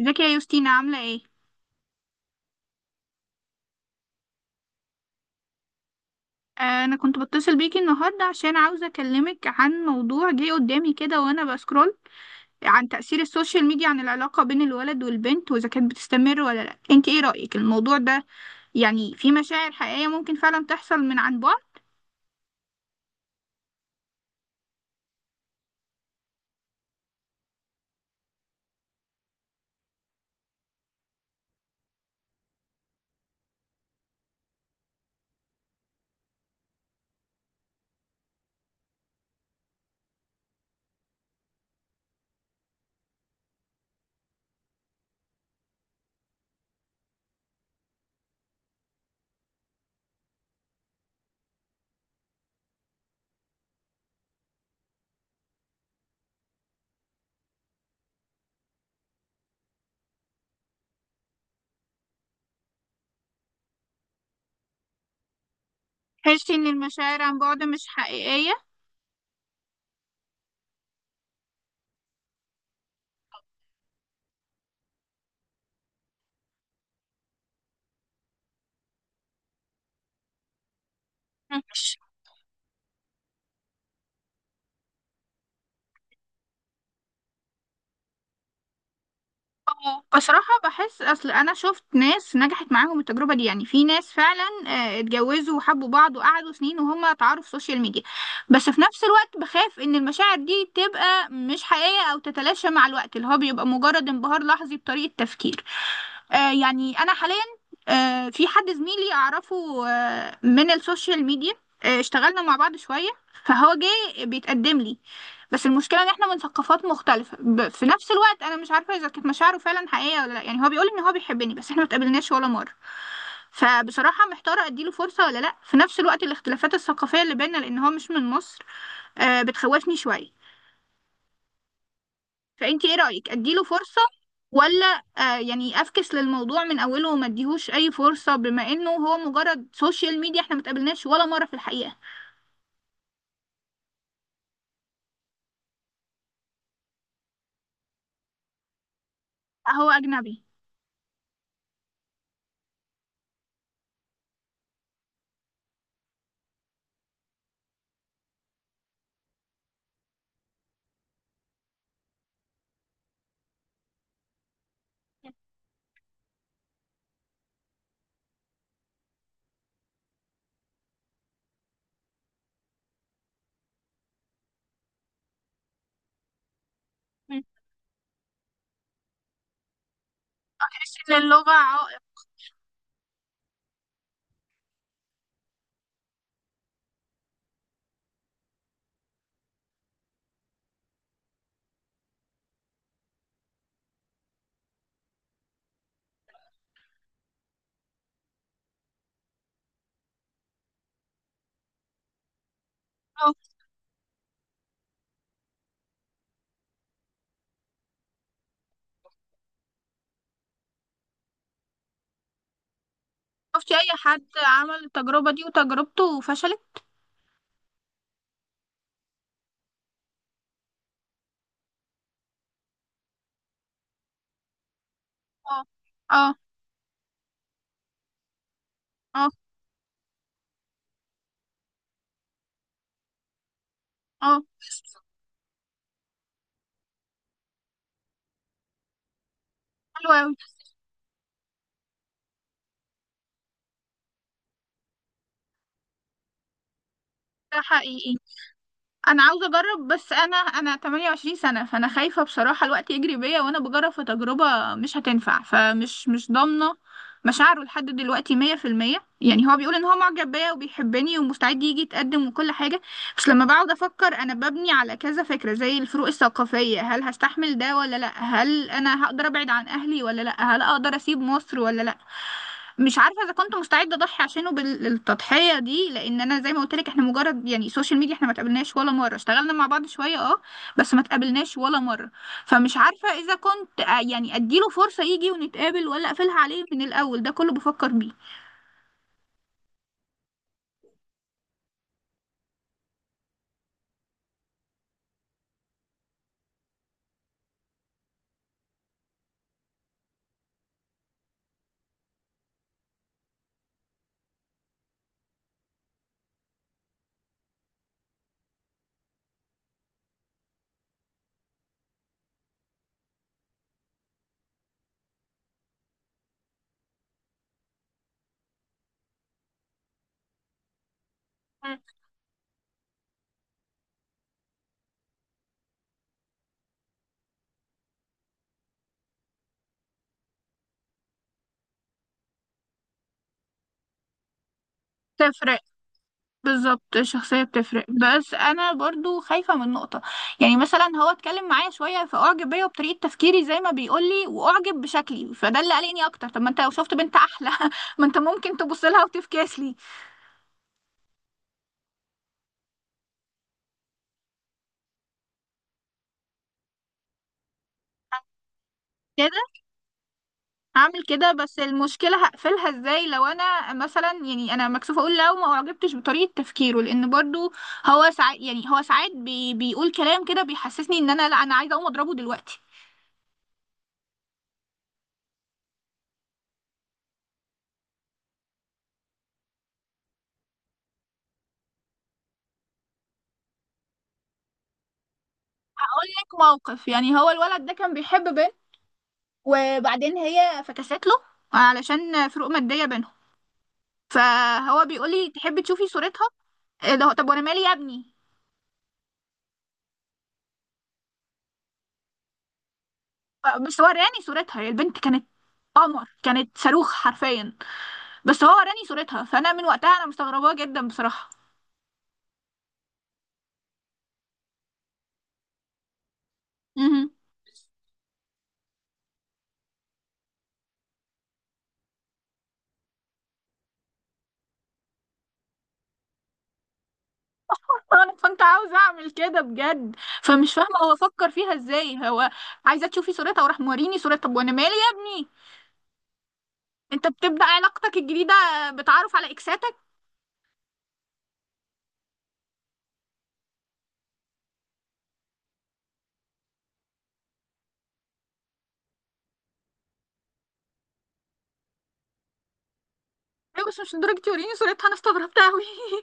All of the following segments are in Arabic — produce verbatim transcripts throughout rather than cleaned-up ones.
ازيك يا يوستينا، عاملة ايه؟ آه انا كنت بتصل بيكي النهاردة عشان عاوزة اكلمك عن موضوع جه قدامي كده وانا بسكرول عن تأثير السوشيال ميديا، عن العلاقة بين الولد والبنت، واذا كانت بتستمر ولا لا. انت ايه رأيك الموضوع ده؟ يعني في مشاعر حقيقية ممكن فعلا تحصل من عن بعد؟ تحسي ان المشاعر عن بعد مش حقيقية؟ مم. بصراحة بحس، أصل أنا شفت ناس نجحت معاهم التجربة دي. يعني في ناس فعلا آه، اتجوزوا وحبوا بعض وقعدوا سنين وهم اتعاروا في سوشيال ميديا. بس في نفس الوقت بخاف إن المشاعر دي تبقى مش حقيقية أو تتلاشى مع الوقت، اللي هو بيبقى مجرد انبهار لحظي بطريقة تفكير. آه، يعني أنا حاليا، آه، في حد زميلي أعرفه آه، من السوشيال ميديا. آه، اشتغلنا مع بعض شوية، فهو جه بيتقدم لي. بس المشكلة ان احنا من ثقافات مختلفة. ب... في نفس الوقت انا مش عارفة اذا كانت مشاعره فعلا حقيقية ولا لا. يعني هو بيقول ان هو بيحبني بس احنا ما اتقابلناش ولا مرة. فبصراحة محتارة اديله فرصة ولا لا. في نفس الوقت الاختلافات الثقافية اللي بيننا، لان هو مش من مصر، آه بتخوفني شوية. فانتي ايه رأيك، اديله فرصة، ولا آه يعني افكس للموضوع من اوله وما اديهوش اي فرصة، بما انه هو مجرد سوشيال ميديا، احنا ما اتقابلناش ولا مرة في الحقيقة؟ هو اجنبي. تحس ان اللغة عائق؟ شفتي اي حد عمل التجربة دي وتجربته وفشلت؟ اه. اه. اه. اه. حلو اوي. ده حقيقي. انا عاوزة اجرب، بس انا انا 28 سنة، فانا خايفة بصراحة الوقت يجري بيا وانا بجرب في تجربة مش هتنفع. فمش مش ضامنة مشاعره لحد دلوقتي مية في المية. يعني هو بيقول ان هو معجب بيا وبيحبني ومستعد يجي يتقدم وكل حاجة. مش لما بقعد افكر، انا ببني على كذا فكرة، زي الفروق الثقافية. هل هستحمل ده ولا لا؟ هل انا هقدر ابعد عن اهلي ولا لا؟ هل اقدر اسيب مصر ولا لا؟ مش عارفة اذا كنت مستعدة اضحي عشانه بالتضحية دي، لان انا زي ما قلت لك احنا مجرد يعني سوشيال ميديا. احنا ما تقابلناش ولا مرة. اشتغلنا مع بعض شوية، اه، بس ما تقابلناش ولا مرة. فمش عارفة اذا كنت آه، يعني اديله فرصة يجي ونتقابل، ولا اقفلها عليه من الاول. ده كله بفكر بيه. مم. تفرق. بالظبط الشخصية بتفرق، بس أنا برضو خايفة من نقطة. يعني مثلا هو اتكلم معايا شوية فأعجب بيا وبطريقة تفكيري زي ما بيقولي وأعجب بشكلي. فده اللي قلقني أكتر. طب ما أنت لو شفت بنت أحلى ما أنت ممكن تبص لها وتفكاس لي. كده هعمل كده، بس المشكلة هقفلها إزاي لو أنا مثلا، يعني أنا مكسوفة أقول لو ما أعجبتش بطريقة تفكيره، لأن برضو هو ساعات، يعني هو ساعات بي... بيقول كلام كده بيحسسني إن أنا لا، أنا عايزة أقوم أضربه دلوقتي. هقول لك موقف. يعني هو الولد ده كان بيحب بنت، وبعدين هي فكست له علشان فروق مادية بينهم. فهو بيقول لي، تحبي تشوفي صورتها؟ إيه ده؟ طب وانا مالي يا ابني؟ بس هو وراني صورتها. هي البنت كانت قمر، كانت صاروخ حرفيا. بس هو وراني صورتها. فانا من وقتها انا مستغرباه جدا بصراحة. مهم. انا كنت عاوزة اعمل كده بجد. فمش فاهمة هو فكر فيها ازاي. هو عايزة تشوفي صورتها وراح موريني صورتها؟ طب وانا مالي يا ابني؟ انت بتبدأ علاقتك الجديدة بتعرف على اكساتك؟ ايوه بس مش لدرجة يوريني صورتها. انا استغربت اوي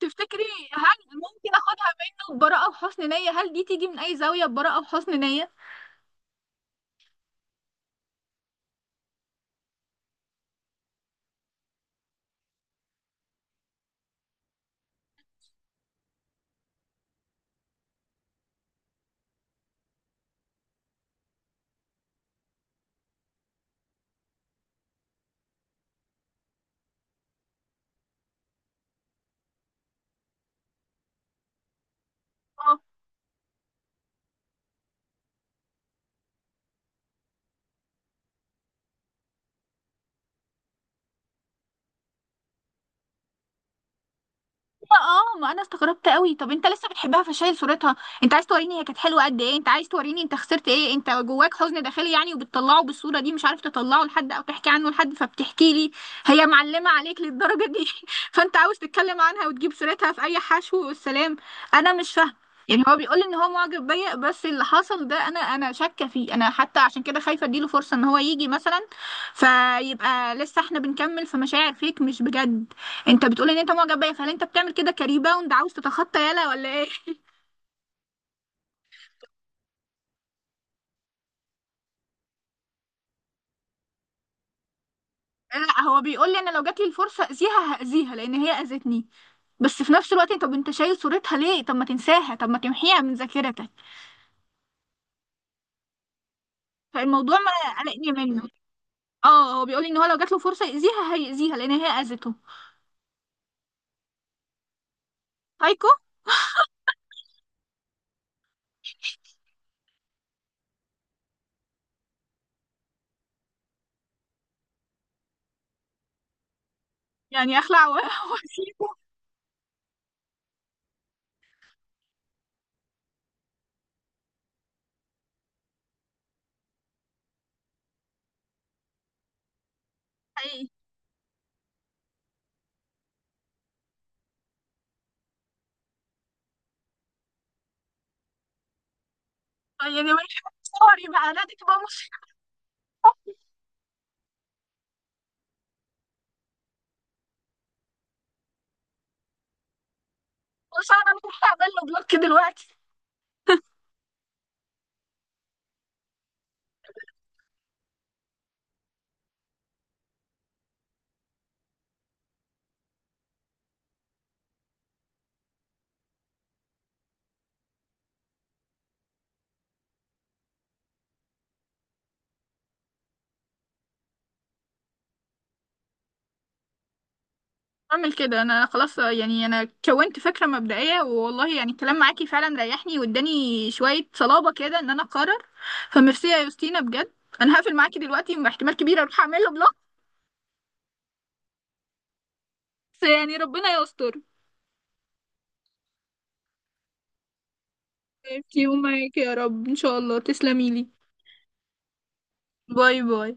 تفتكري هل ممكن اخدها منه ببراءة وحسن نية؟ هل دي تيجي من اي زاوية ببراءة وحسن نية؟ اه، ما انا استغربت قوي. طب انت لسه بتحبها فشايل صورتها؟ انت عايز توريني هي كانت حلوه قد ايه؟ انت عايز توريني انت خسرت ايه؟ انت جواك حزن داخلي يعني، وبتطلعه بالصوره دي؟ مش عارف تطلعه لحد او تحكي عنه لحد فبتحكي لي؟ هي معلمه عليك للدرجه دي؟ فانت عاوز تتكلم عنها وتجيب سيرتها في اي حشو والسلام. انا مش فاهمه. يعني هو بيقول ان هو معجب بيا، بس اللي حصل ده انا انا شاكه فيه. انا حتى عشان كده خايفه اديله فرصه ان هو يجي مثلا. فيبقى لسه احنا بنكمل في مشاعر فيك مش بجد. انت بتقول ان انت معجب بيا، فهل انت بتعمل كده كريباوند، عاوز تتخطى يالا، ولا ايه؟ لا هو بيقول لي، انا لو جات لي الفرصه اذيها هاذيها لان هي اذتني. بس في نفس الوقت، طب انت شايل صورتها ليه؟ طب ما تنساها؟ طب ما تمحيها من ذاكرتك؟ فالموضوع ما قلقني منه. اه، هو بيقول لي ان هو لو جات له فرصه يأذيها هيأذيها لان هي اذته. هايكو. يعني اخلع و- واسيبه. حقيقي. طيب يعني مش- سوري بقى، نادي تبقى مصيبه. بس انا مش هعمل له بلوك دلوقتي. اعمل كده انا خلاص. يعني انا كونت فكره مبدئيه. والله يعني الكلام معاكي فعلا ريحني واداني شويه صلابه كده ان انا اقرر. فميرسي يا يوستينا بجد. انا هقفل معاكي دلوقتي واحتمال كبير اروح اعمل له بلوك. بس يعني ربنا يستر. انتي ومعاكي يا رب، ان شاء الله تسلمي لي. باي باي.